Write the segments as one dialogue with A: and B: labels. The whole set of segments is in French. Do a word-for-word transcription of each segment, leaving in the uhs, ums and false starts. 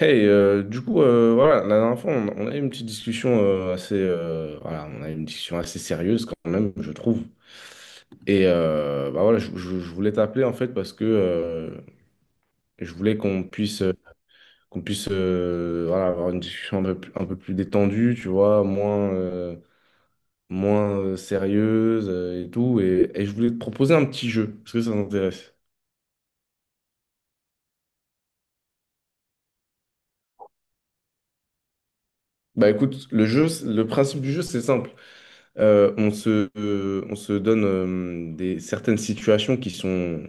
A: Hey, euh, du coup, euh, voilà, la dernière fois, on, on a eu une petite discussion euh, assez, euh, voilà, on a eu une discussion assez sérieuse quand même, je trouve. Et euh, bah voilà, je, je- je voulais t'appeler en fait parce que euh, je voulais qu'on puisse, qu'on puisse, euh, voilà, avoir une discussion un peu, plus un peu plus détendue, tu vois, moins, euh, moins euh, sérieuse euh, et tout. Et, et je voulais te proposer un petit jeu. Est-ce que ça t'intéresse? Bah écoute, le jeu, c'est- le principe du jeu, c'est simple. Euh, on se, euh, on se donne euh, des, certaines situations qui sont,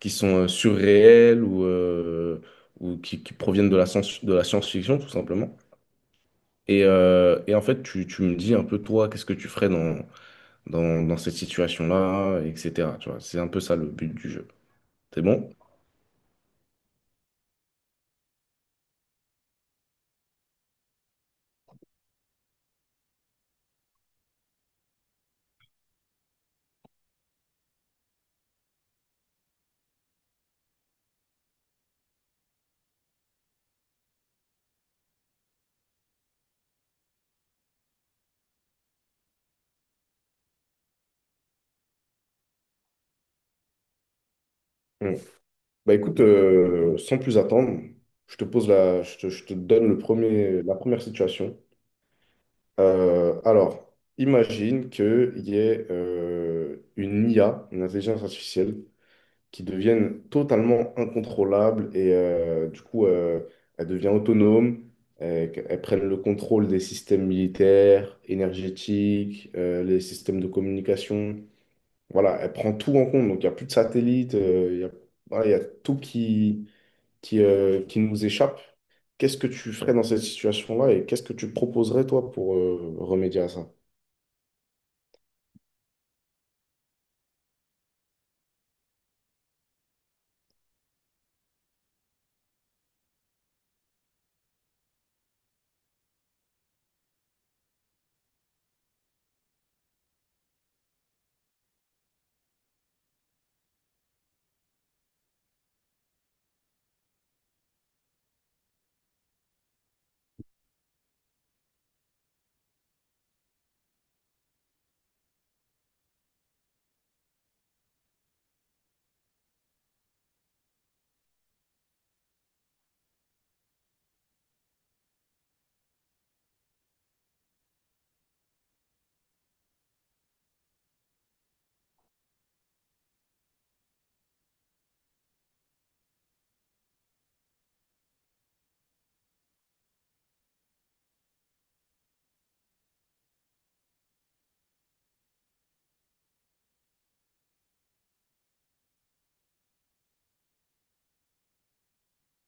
A: qui sont euh, surréelles ou, euh, ou qui, qui proviennent de la science, de la science-fiction, tout simplement. Et, euh, et en fait, tu, tu me dis un peu, toi, qu'est-ce que tu ferais dans, dans, dans cette situation-là, et cetera. Tu vois, c'est un peu ça le but du jeu. C'est bon? Mm. Bah écoute, euh, sans plus attendre, je te pose la, je te, je te donne le premier, la première situation. Euh, alors, imagine qu'il y ait euh, une I A, une intelligence artificielle, qui devienne totalement incontrôlable et euh, du coup, euh, elle devient autonome, euh, qu'elle prenne le contrôle des systèmes militaires, énergétiques, euh, les systèmes de communication. Voilà, elle prend tout en compte. Donc, il n'y a plus de satellites, euh, il y a, voilà, il y a tout qui, qui, euh, qui nous échappe. Qu'est-ce que tu ferais dans cette situation-là et qu'est-ce que tu proposerais, toi, pour euh, remédier à ça?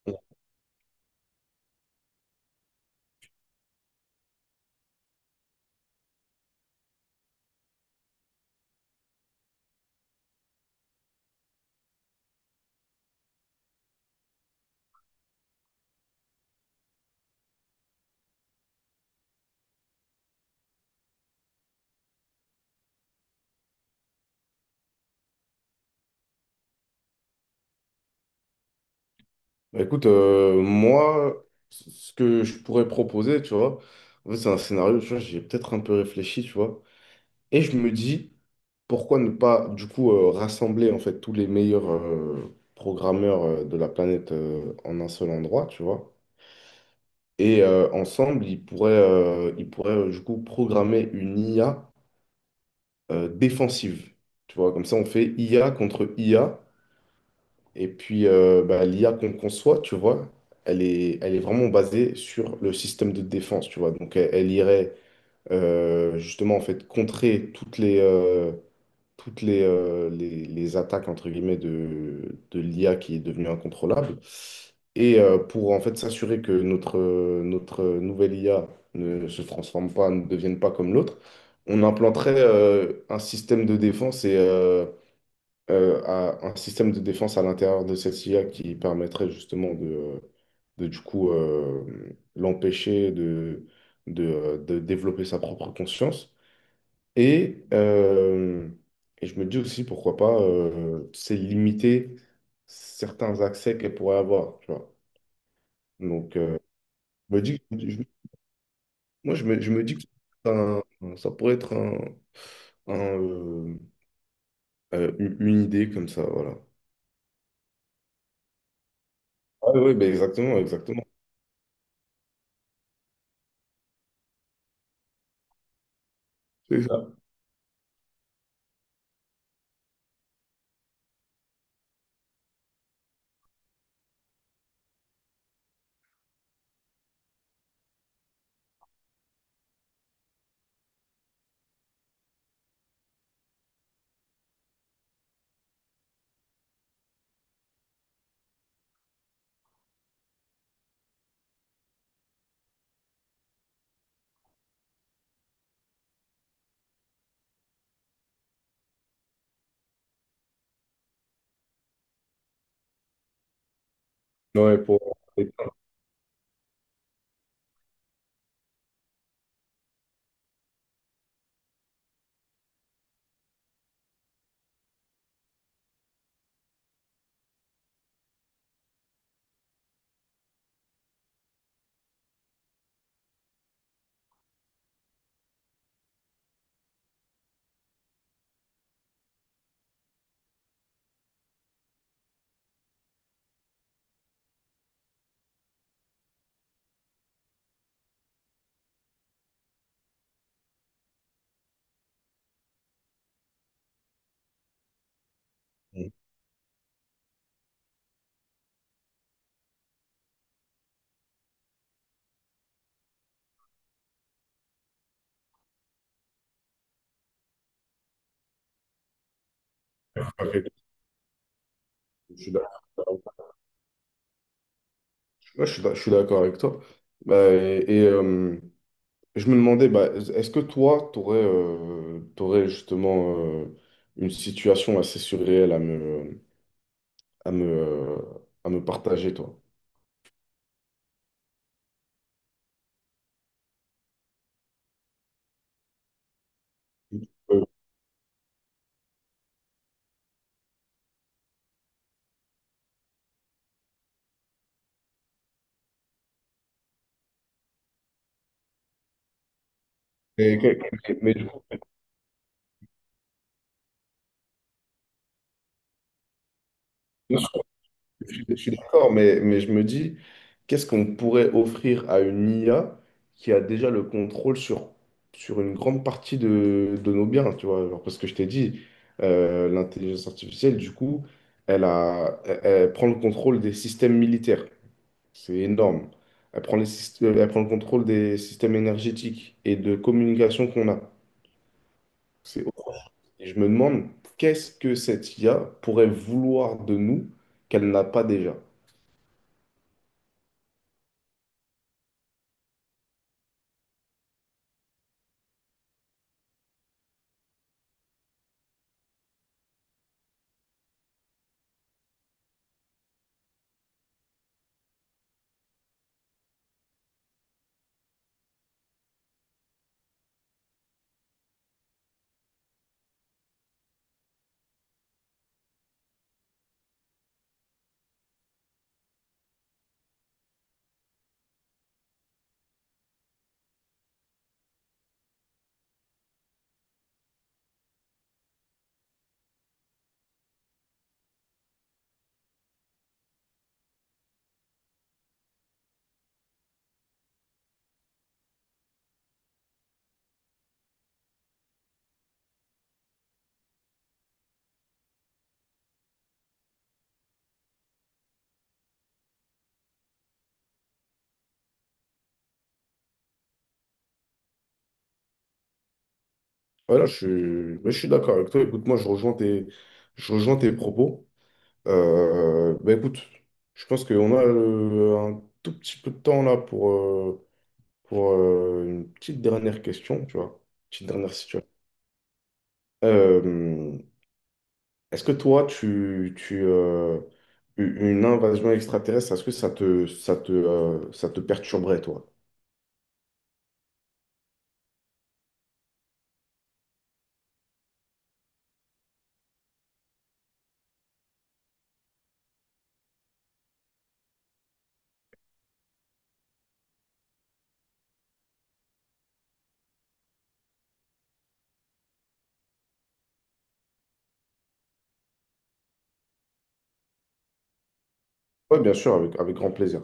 A: Bah, écoute, euh, moi, c- ce que je pourrais proposer, tu vois, en fait, c'est un scénario, tu vois, j'ai peut-être un peu réfléchi, tu vois, et je me dis, pourquoi ne pas, du coup, euh, rassembler, en fait, tous les meilleurs euh, programmeurs euh, de la planète euh, en un seul endroit, tu vois, et euh, ensemble, ils pourraient, euh, ils pourraient, euh, du coup, programmer une I A euh, défensive, tu vois, comme ça, on fait I A contre I A. Et puis, euh, bah, l'I A qu'on conçoit, tu vois, elle est, elle est vraiment basée sur le système de défense, tu vois. Donc, elle, elle irait euh, justement, en fait, contrer toutes les, euh, toutes les, euh, les, les attaques, entre guillemets, de, de l'I A qui est devenue incontrôlable. Et euh, pour, en fait, s'assurer que notre, euh, notre nouvelle I A ne se transforme pas, ne devienne pas comme l'autre, on implanterait euh, un système de défense et... euh, euh, à un système de défense à l'intérieur de cette I A qui permettrait justement de, euh, de du coup, euh, l'empêcher de, de, euh, de développer sa propre conscience. Et, euh, et je me dis aussi, pourquoi pas, euh, c'est limiter certains accès qu'elle pourrait avoir, tu vois. Donc, euh, je me dis, je- moi, je me, je me dis que c'est un- ça pourrait être un, un, euh, euh, une une idée comme ça, voilà. Ah oui, ben exactement, exactement. Ouais, pour... Mm. Je suis d'accord. Ouais, je suis d'ac- je suis d'accord avec toi. Bah, et et, euh, je me demandais, bah, est-ce que toi, tu aurais, justement euh, une situation assez surréelle à me, à me, euh, à me partager, toi? Euh, mais, mais- mais- Je je suis d'accord, mais, mais je me dis, qu'est-ce qu'on pourrait offrir à une I A qui a déjà le contrôle sur, sur une grande partie de, de nos biens, tu vois? Genre, parce que je t'ai dit, euh, l'intelligence artificielle, du coup, elle a, elle, elle prend le contrôle des systèmes militaires. C'est énorme. Elle prend les syst- euh, elle prend le contrôle des systèmes énergétiques et de communication qu'on a. C'est Et je me demande, qu'est-ce que cette I A pourrait vouloir de nous qu'elle n'a pas déjà? Voilà, je suis, mais je suis d'accord avec toi. Écoute, moi, je rejoins tes, je rejoins tes propos. Euh, bah, écoute, je pense qu'on a euh, un tout petit peu de temps là pour, euh, pour euh, une petite dernière question, tu vois. Petite dernière situation. Euh, Est-ce que toi, tu, tu, euh, u- une invasion extraterrestre, est-ce que ça te, ça te, euh, ça te perturberait, toi? Oui, bien sûr, avec, avec grand plaisir.